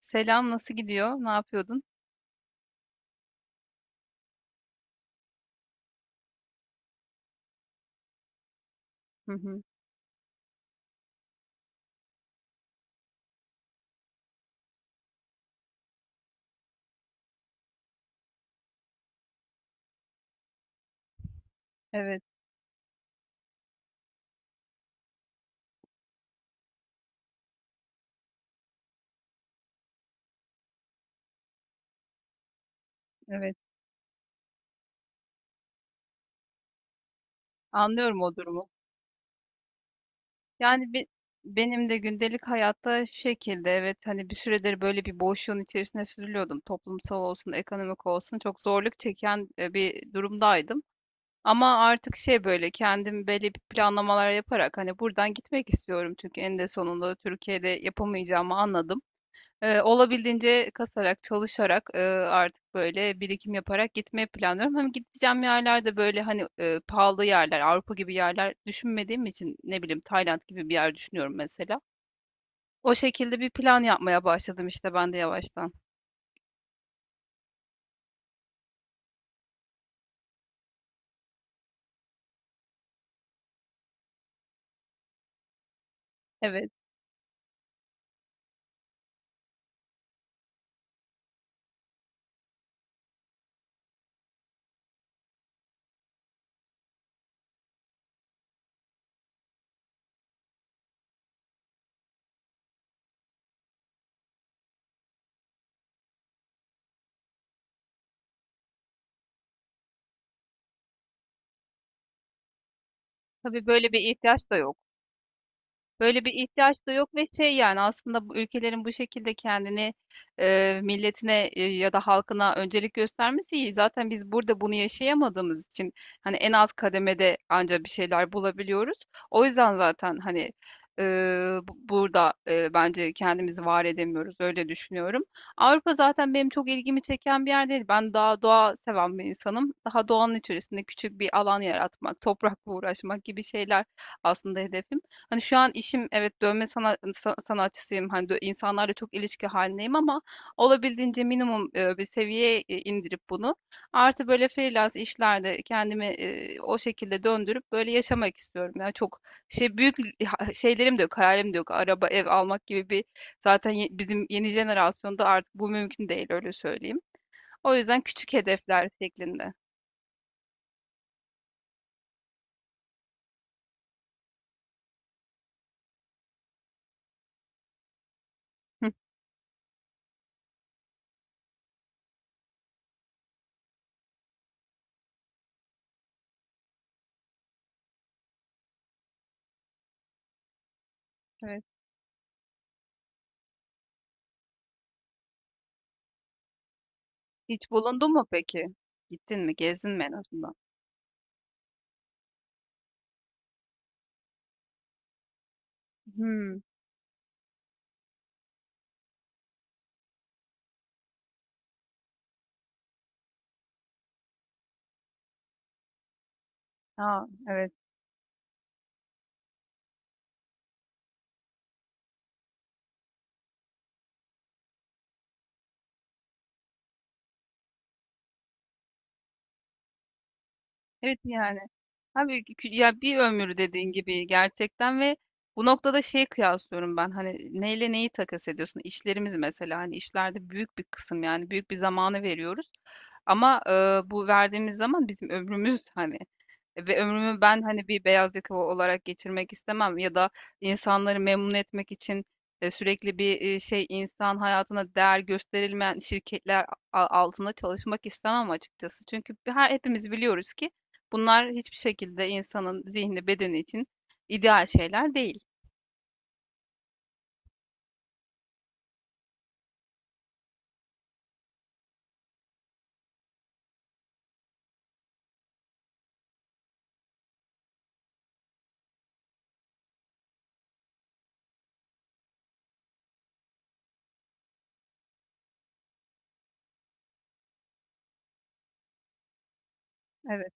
Selam, nasıl gidiyor? Ne yapıyordun? Hı hı. Evet, evet. Anlıyorum o durumu. Yani benim de gündelik hayatta şu şekilde evet hani bir süredir böyle bir boşluğun içerisine sürülüyordum. Toplumsal olsun, ekonomik olsun çok zorluk çeken bir durumdaydım. Ama artık şey böyle kendim belli bir planlamalar yaparak hani buradan gitmek istiyorum çünkü en de sonunda Türkiye'de yapamayacağımı anladım. Olabildiğince kasarak, çalışarak, artık böyle birikim yaparak gitmeyi planlıyorum. Hem gideceğim yerler de böyle hani pahalı yerler, Avrupa gibi yerler düşünmediğim için ne bileyim Tayland gibi bir yer düşünüyorum mesela. O şekilde bir plan yapmaya başladım işte ben de yavaştan. Evet. Tabii böyle bir ihtiyaç da yok. Böyle bir ihtiyaç da yok ve şey yani aslında bu ülkelerin bu şekilde kendini milletine ya da halkına öncelik göstermesi iyi. Zaten biz burada bunu yaşayamadığımız için hani en alt kademede anca bir şeyler bulabiliyoruz. O yüzden zaten hani e, burada bence kendimizi var edemiyoruz, öyle düşünüyorum. Avrupa zaten benim çok ilgimi çeken bir yer değil. Ben daha doğa seven bir insanım. Daha doğanın içerisinde küçük bir alan yaratmak, toprakla uğraşmak gibi şeyler aslında hedefim. Hani şu an işim evet dövme sanatçısıyım. Hani insanlarla çok ilişki halindeyim ama olabildiğince minimum bir seviyeye indirip bunu artı böyle freelance işlerde kendimi o şekilde döndürüp böyle yaşamak istiyorum. Yani çok şey büyük şeylerim de yok, hayalim de yok. Araba, ev almak gibi bir zaten bizim yeni jenerasyonda artık bu mümkün değil, öyle söyleyeyim. O yüzden küçük hedefler şeklinde. Hı, evet. Hiç bulundun mu peki? Gittin mi? Gezdin mi en azından? Hmm. Ha, evet. Evet yani. Abi ya bir ömür, dediğin gibi gerçekten, ve bu noktada şeyi kıyaslıyorum ben, hani neyle neyi takas ediyorsun? İşlerimiz mesela, hani işlerde büyük bir kısım, yani büyük bir zamanı veriyoruz. Ama bu verdiğimiz zaman bizim ömrümüz hani, ve ömrümü ben hani bir beyaz yakalı olarak geçirmek istemem, ya da insanları memnun etmek için sürekli bir şey, insan hayatına değer gösterilmeyen şirketler altında çalışmak istemem açıkçası. Çünkü her hepimiz biliyoruz ki bunlar hiçbir şekilde insanın zihni, bedeni için ideal şeyler değil. Evet,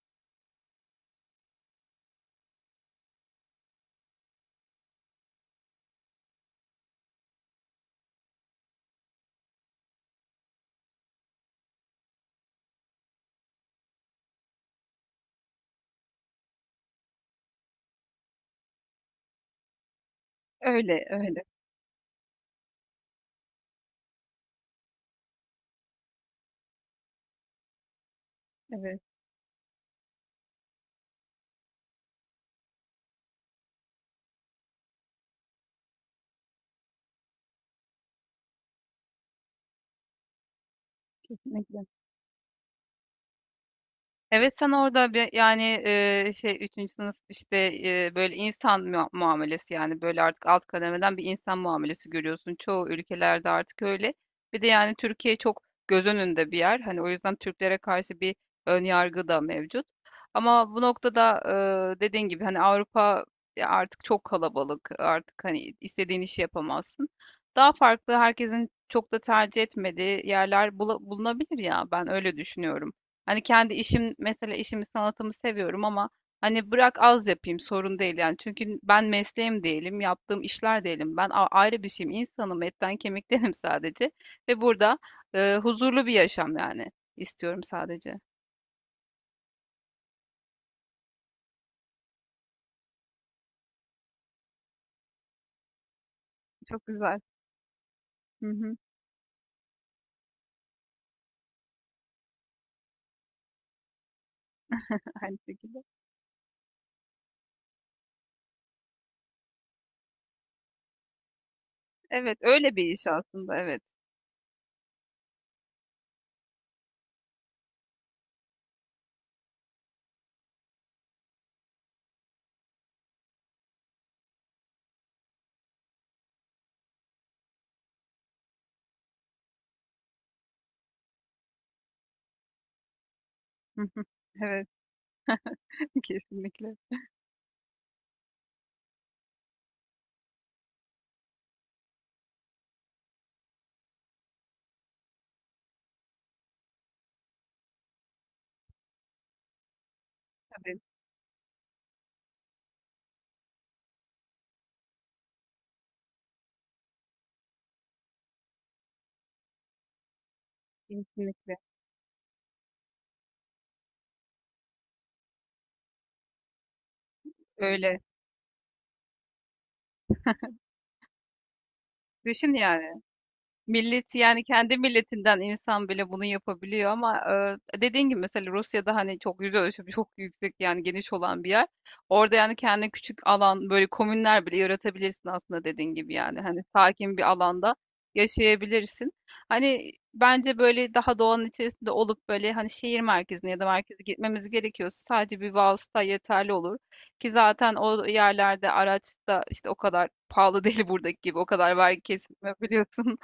öyle, öyle. Evet, kesinlikle. Evet, sen orada bir yani şey 3. sınıf işte böyle insan muamelesi, yani böyle artık alt kademeden bir insan muamelesi görüyorsun. Çoğu ülkelerde artık öyle. Bir de yani Türkiye çok göz önünde bir yer. Hani o yüzden Türklere karşı bir ön yargı da mevcut. Ama bu noktada dediğin gibi hani Avrupa ya artık çok kalabalık. Artık hani istediğin işi yapamazsın. Daha farklı, herkesin çok da tercih etmediği yerler bulunabilir ya, ben öyle düşünüyorum. Hani kendi işim mesela, işimi sanatımı seviyorum ama hani bırak az yapayım, sorun değil yani. Çünkü ben mesleğim değilim, yaptığım işler değilim. Ben ayrı bir şeyim, insanım, etten kemiktenim sadece. Ve burada huzurlu bir yaşam yani istiyorum sadece. Çok güzel. Hı hı, aynı şekilde. Evet, öyle bir iş aslında, evet. Evet, kesinlikle. Tabii, kesinlikle. Öyle. Düşün yani. Millet yani, kendi milletinden insan bile bunu yapabiliyor ama dediğin gibi mesela Rusya'da hani çok yüz ölçümü çok yüksek, yani geniş olan bir yer. Orada yani kendi küçük alan, böyle komünler bile yaratabilirsin aslında, dediğin gibi, yani hani sakin bir alanda yaşayabilirsin. Hani bence böyle daha doğanın içerisinde olup, böyle hani şehir merkezine ya da merkeze gitmemiz gerekiyorsa sadece bir vasıta yeterli olur. Ki zaten o yerlerde araç da işte o kadar pahalı değil, buradaki gibi o kadar vergi kesilmiyor, biliyorsun.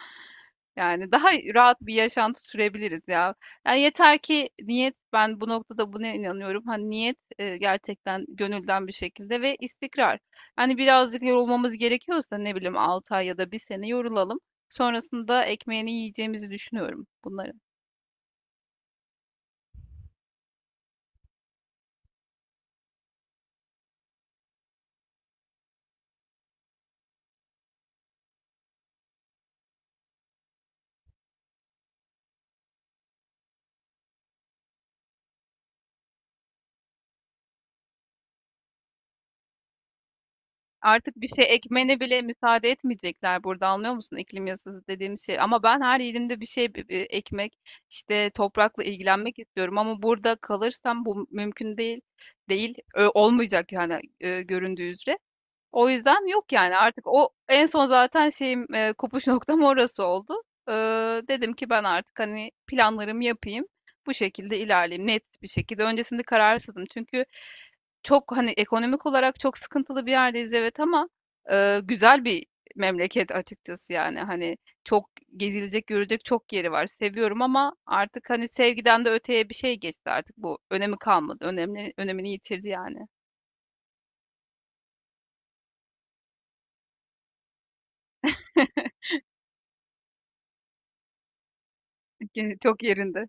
Yani daha rahat bir yaşantı sürebiliriz ya. Yani yeter ki niyet, ben bu noktada buna inanıyorum. Hani niyet gerçekten gönülden bir şekilde, ve istikrar. Hani birazcık yorulmamız gerekiyorsa, ne bileyim 6 ay ya da bir sene yorulalım. Sonrasında ekmeğini yiyeceğimizi düşünüyorum bunların. Artık bir şey ekmene bile müsaade etmeyecekler burada, anlıyor musun, iklim yasası dediğim şey. Ama ben her yerimde bir şey ekmek işte, toprakla ilgilenmek istiyorum ama burada kalırsam bu mümkün değil, olmayacak yani göründüğü üzere. O yüzden yok yani, artık o en son zaten şeyim kopuş noktam orası oldu. Ee, Dedim ki ben artık hani planlarımı yapayım. Bu şekilde ilerleyeyim net bir şekilde. Öncesinde kararsızdım çünkü çok hani ekonomik olarak çok sıkıntılı bir yerdeyiz, evet, ama güzel bir memleket açıkçası, yani hani çok gezilecek görecek çok yeri var, seviyorum, ama artık hani sevgiden de öteye bir şey geçti, artık bu önemi kalmadı, önemini yitirdi yani. Çok yerinde.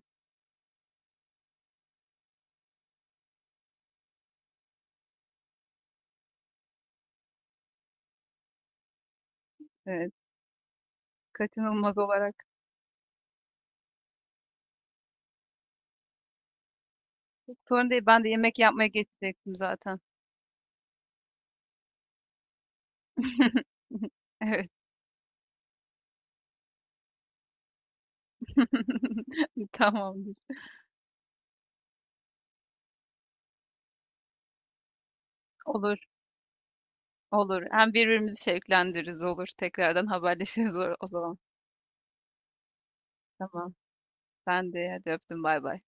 Evet. Kaçınılmaz olarak. Sorun değil, ben de yemek yapmaya geçecektim zaten. Evet. Tamamdır. Olur, olur. Hem birbirimizi şevklendiririz, olur. Tekrardan haberleşiriz o zaman. Tamam. Ben de hadi öptüm, bay bay.